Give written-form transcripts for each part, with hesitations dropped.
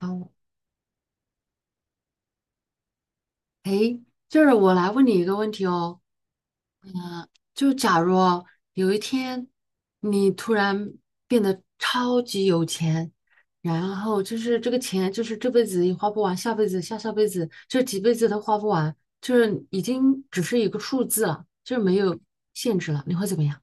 哦，诶，就是我来问你一个问题哦。就假如有一天你突然变得超级有钱，然后就是这个钱就是这辈子也花不完，下辈子、下下辈子，就几辈子都花不完，就是已经只是一个数字了，就是没有限制了，你会怎么样？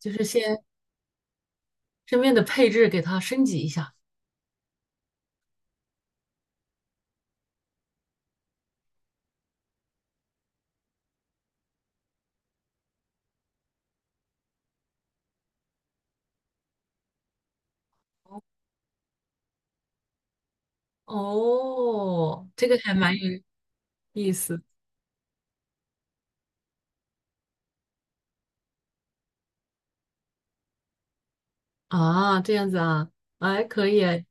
就是先身边的配置给它升级一下。哦，这个还蛮有意思。啊，这样子啊，哎，可以哎，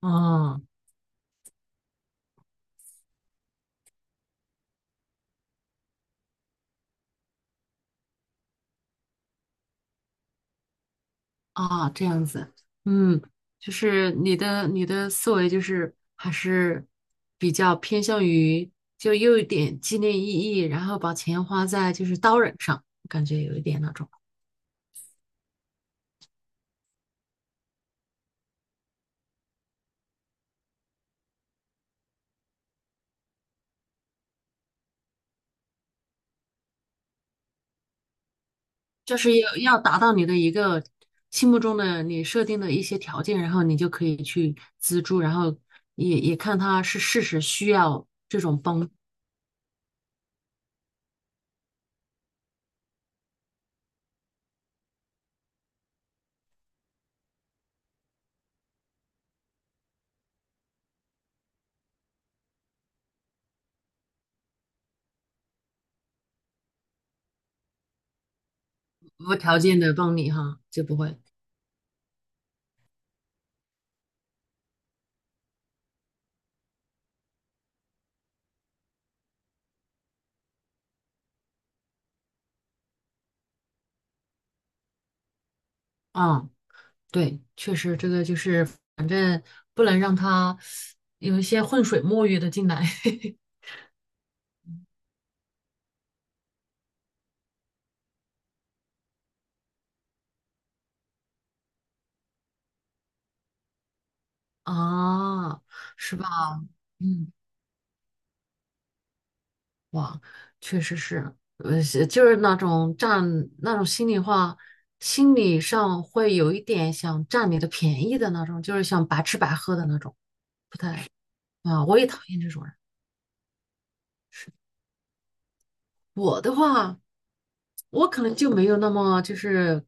啊。啊，这样子，嗯，就是你的思维就是还是比较偏向于就又有一点纪念意义，然后把钱花在就是刀刃上，感觉有一点那种，就是要达到你的一个心目中的你设定的一些条件，然后你就可以去资助，然后也看他是事实需要这种帮，无条件的帮你哈，就不会。啊。对，确实这个就是，反正不能让他有一些浑水摸鱼的进来。 啊，是吧？嗯，哇，确实是，是就是那种占那种心里话，心理上会有一点想占你的便宜的那种，就是想白吃白喝的那种，不太。啊，我也讨厌这种人。是我的话。我可能就没有那么就是，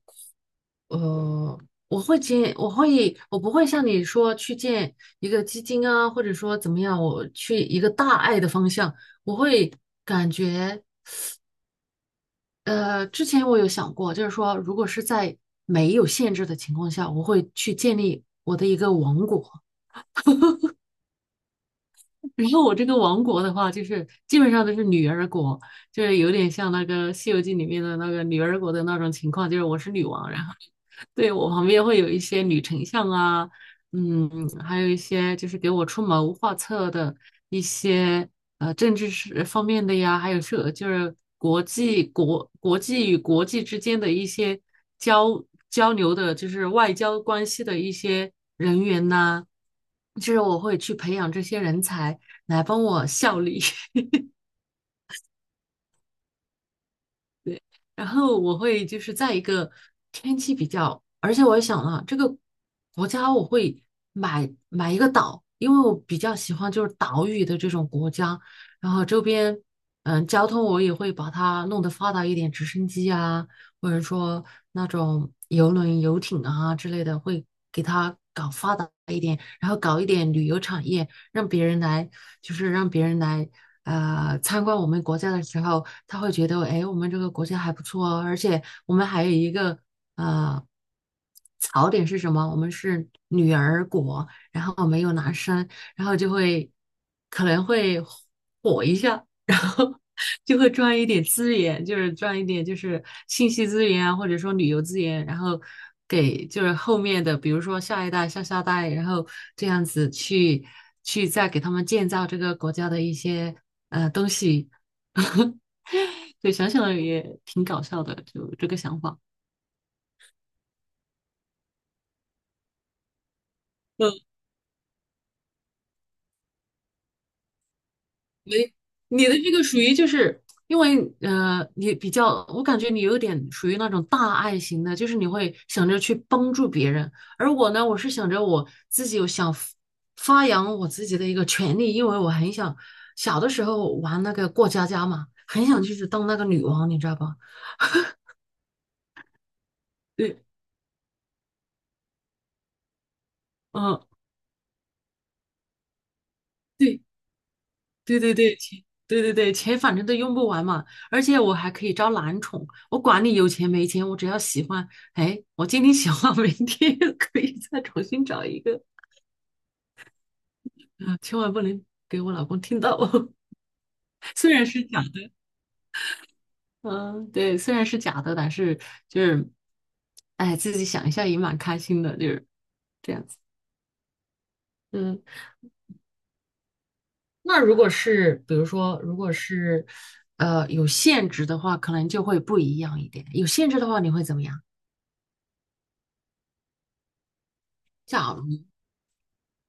呃，我会见，我会，我不会像你说去建一个基金啊，或者说怎么样，我去一个大爱的方向，我会感觉，之前我有想过，就是说，如果是在没有限制的情况下，我会去建立我的一个王国，然后我这个王国的话，就是基本上都是女儿国，就是有点像那个《西游记》里面的那个女儿国的那种情况，就是我是女王，然后。对，我旁边会有一些女丞相啊，嗯，还有一些就是给我出谋划策的一些政治是方面的呀，还有是就是国际国际与国际之间的一些交流的，就是外交关系的一些人员呐、就是我会去培养这些人才来帮我效力。对，然后我会就是在一个天气比较，而且我也想了这个国家，我会买一个岛，因为我比较喜欢就是岛屿的这种国家，然后周边嗯交通我也会把它弄得发达一点，直升机啊，或者说那种游轮、游艇啊之类的，会给它搞发达一点，然后搞一点旅游产业。让别人来，就是让别人来参观我们国家的时候，他会觉得，哎，我们这个国家还不错哦，而且我们还有一个呃槽点是什么？我们是女儿国，然后没有男生，然后就会可能会火一下，然后 就会赚一点资源，就是赚一点就是信息资源啊，或者说旅游资源，然后给就是后面的，比如说下一代、下下代，然后这样子去再给他们建造这个国家的一些东西。就想想也挺搞笑的，就这个想法。嗯，你的这个属于就是因为你比较，我感觉你有点属于那种大爱型的，就是你会想着去帮助别人，而我呢，我是想着我自己有想发扬我自己的一个权利，因为我很想小的时候玩那个过家家嘛，很想就是当那个女王，你知道吧？对，嗯、对。对对对，钱，对对对，钱反正都用不完嘛，而且我还可以招男宠，我管你有钱没钱，我只要喜欢，哎，我今天喜欢，明天又可以再重新找一个，嗯，千万不能给我老公听到，哦。虽然是假的，嗯，对，虽然是假的，但是就是，哎，自己想一下也蛮开心的，就是这样子。嗯，那如果是比如说，如果是有限制的话，可能就会不一样一点，有限制的话你会怎么样？假如。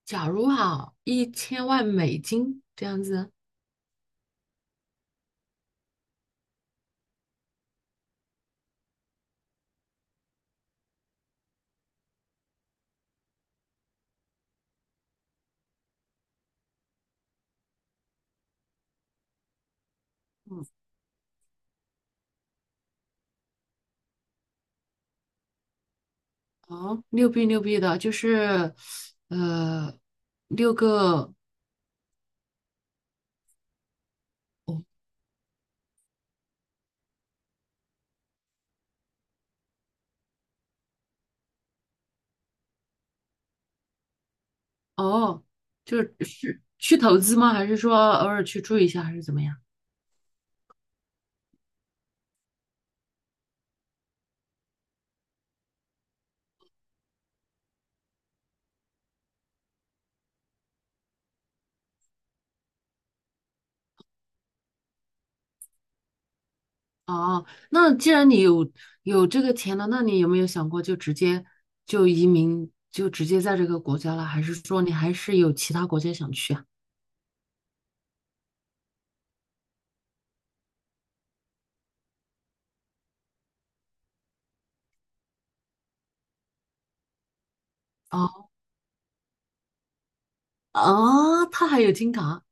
假如哈，1000万美金这样子。哦，六币六币的，就是呃六个。哦哦，就是是去投资吗？还是说偶尔去住一下，还是怎么样？哦，那既然你有这个钱了，那你有没有想过就直接就移民，就直接在这个国家了？还是说你还是有其他国家想去啊？哦哦，他还有金卡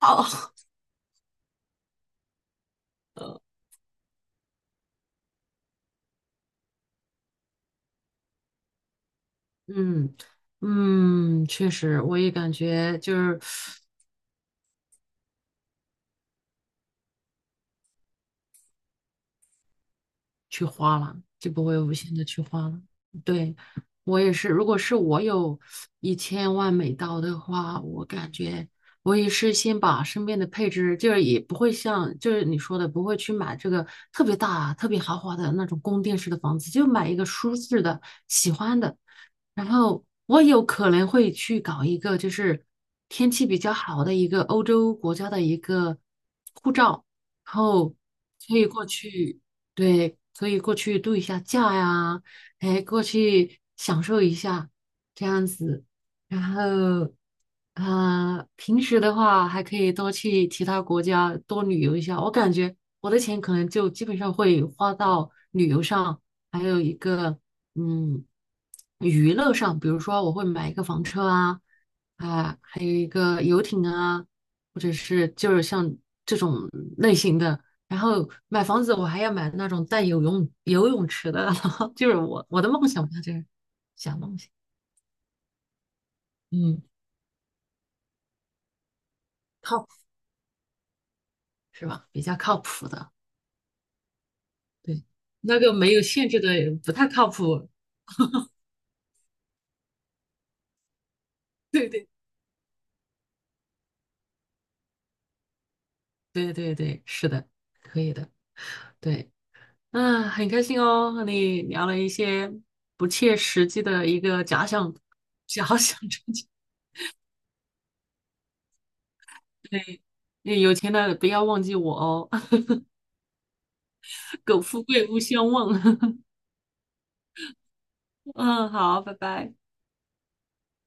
哦。嗯嗯，确实，我也感觉就是去花了，就不会无限的去花了。对，我也是，如果是我有1000万美刀的话，我感觉我也是先把身边的配置，就是也不会像就是你说的，不会去买这个特别大、特别豪华的那种宫殿式的房子，就买一个舒适的、喜欢的。然后我有可能会去搞一个，就是天气比较好的一个欧洲国家的一个护照，然后可以过去，对，可以过去度一下假呀，哎，过去享受一下这样子。然后，平时的话还可以多去其他国家多旅游一下。我感觉我的钱可能就基本上会花到旅游上，还有一个。嗯，娱乐上，比如说我会买一个房车啊，啊，还有一个游艇啊，或者是就是像这种类型的。然后买房子，我还要买那种带游泳池的，就是我的梦想吧，就是小梦想东西。嗯，靠谱是吧？比较靠谱的，对，那个没有限制的不太靠谱。对对对对对，是的，可以的。对。嗯，很开心哦，和你聊了一些不切实际的一个假想，假想中钱对，那有钱的不要忘记我哦，苟富贵勿相忘。嗯，好，拜拜。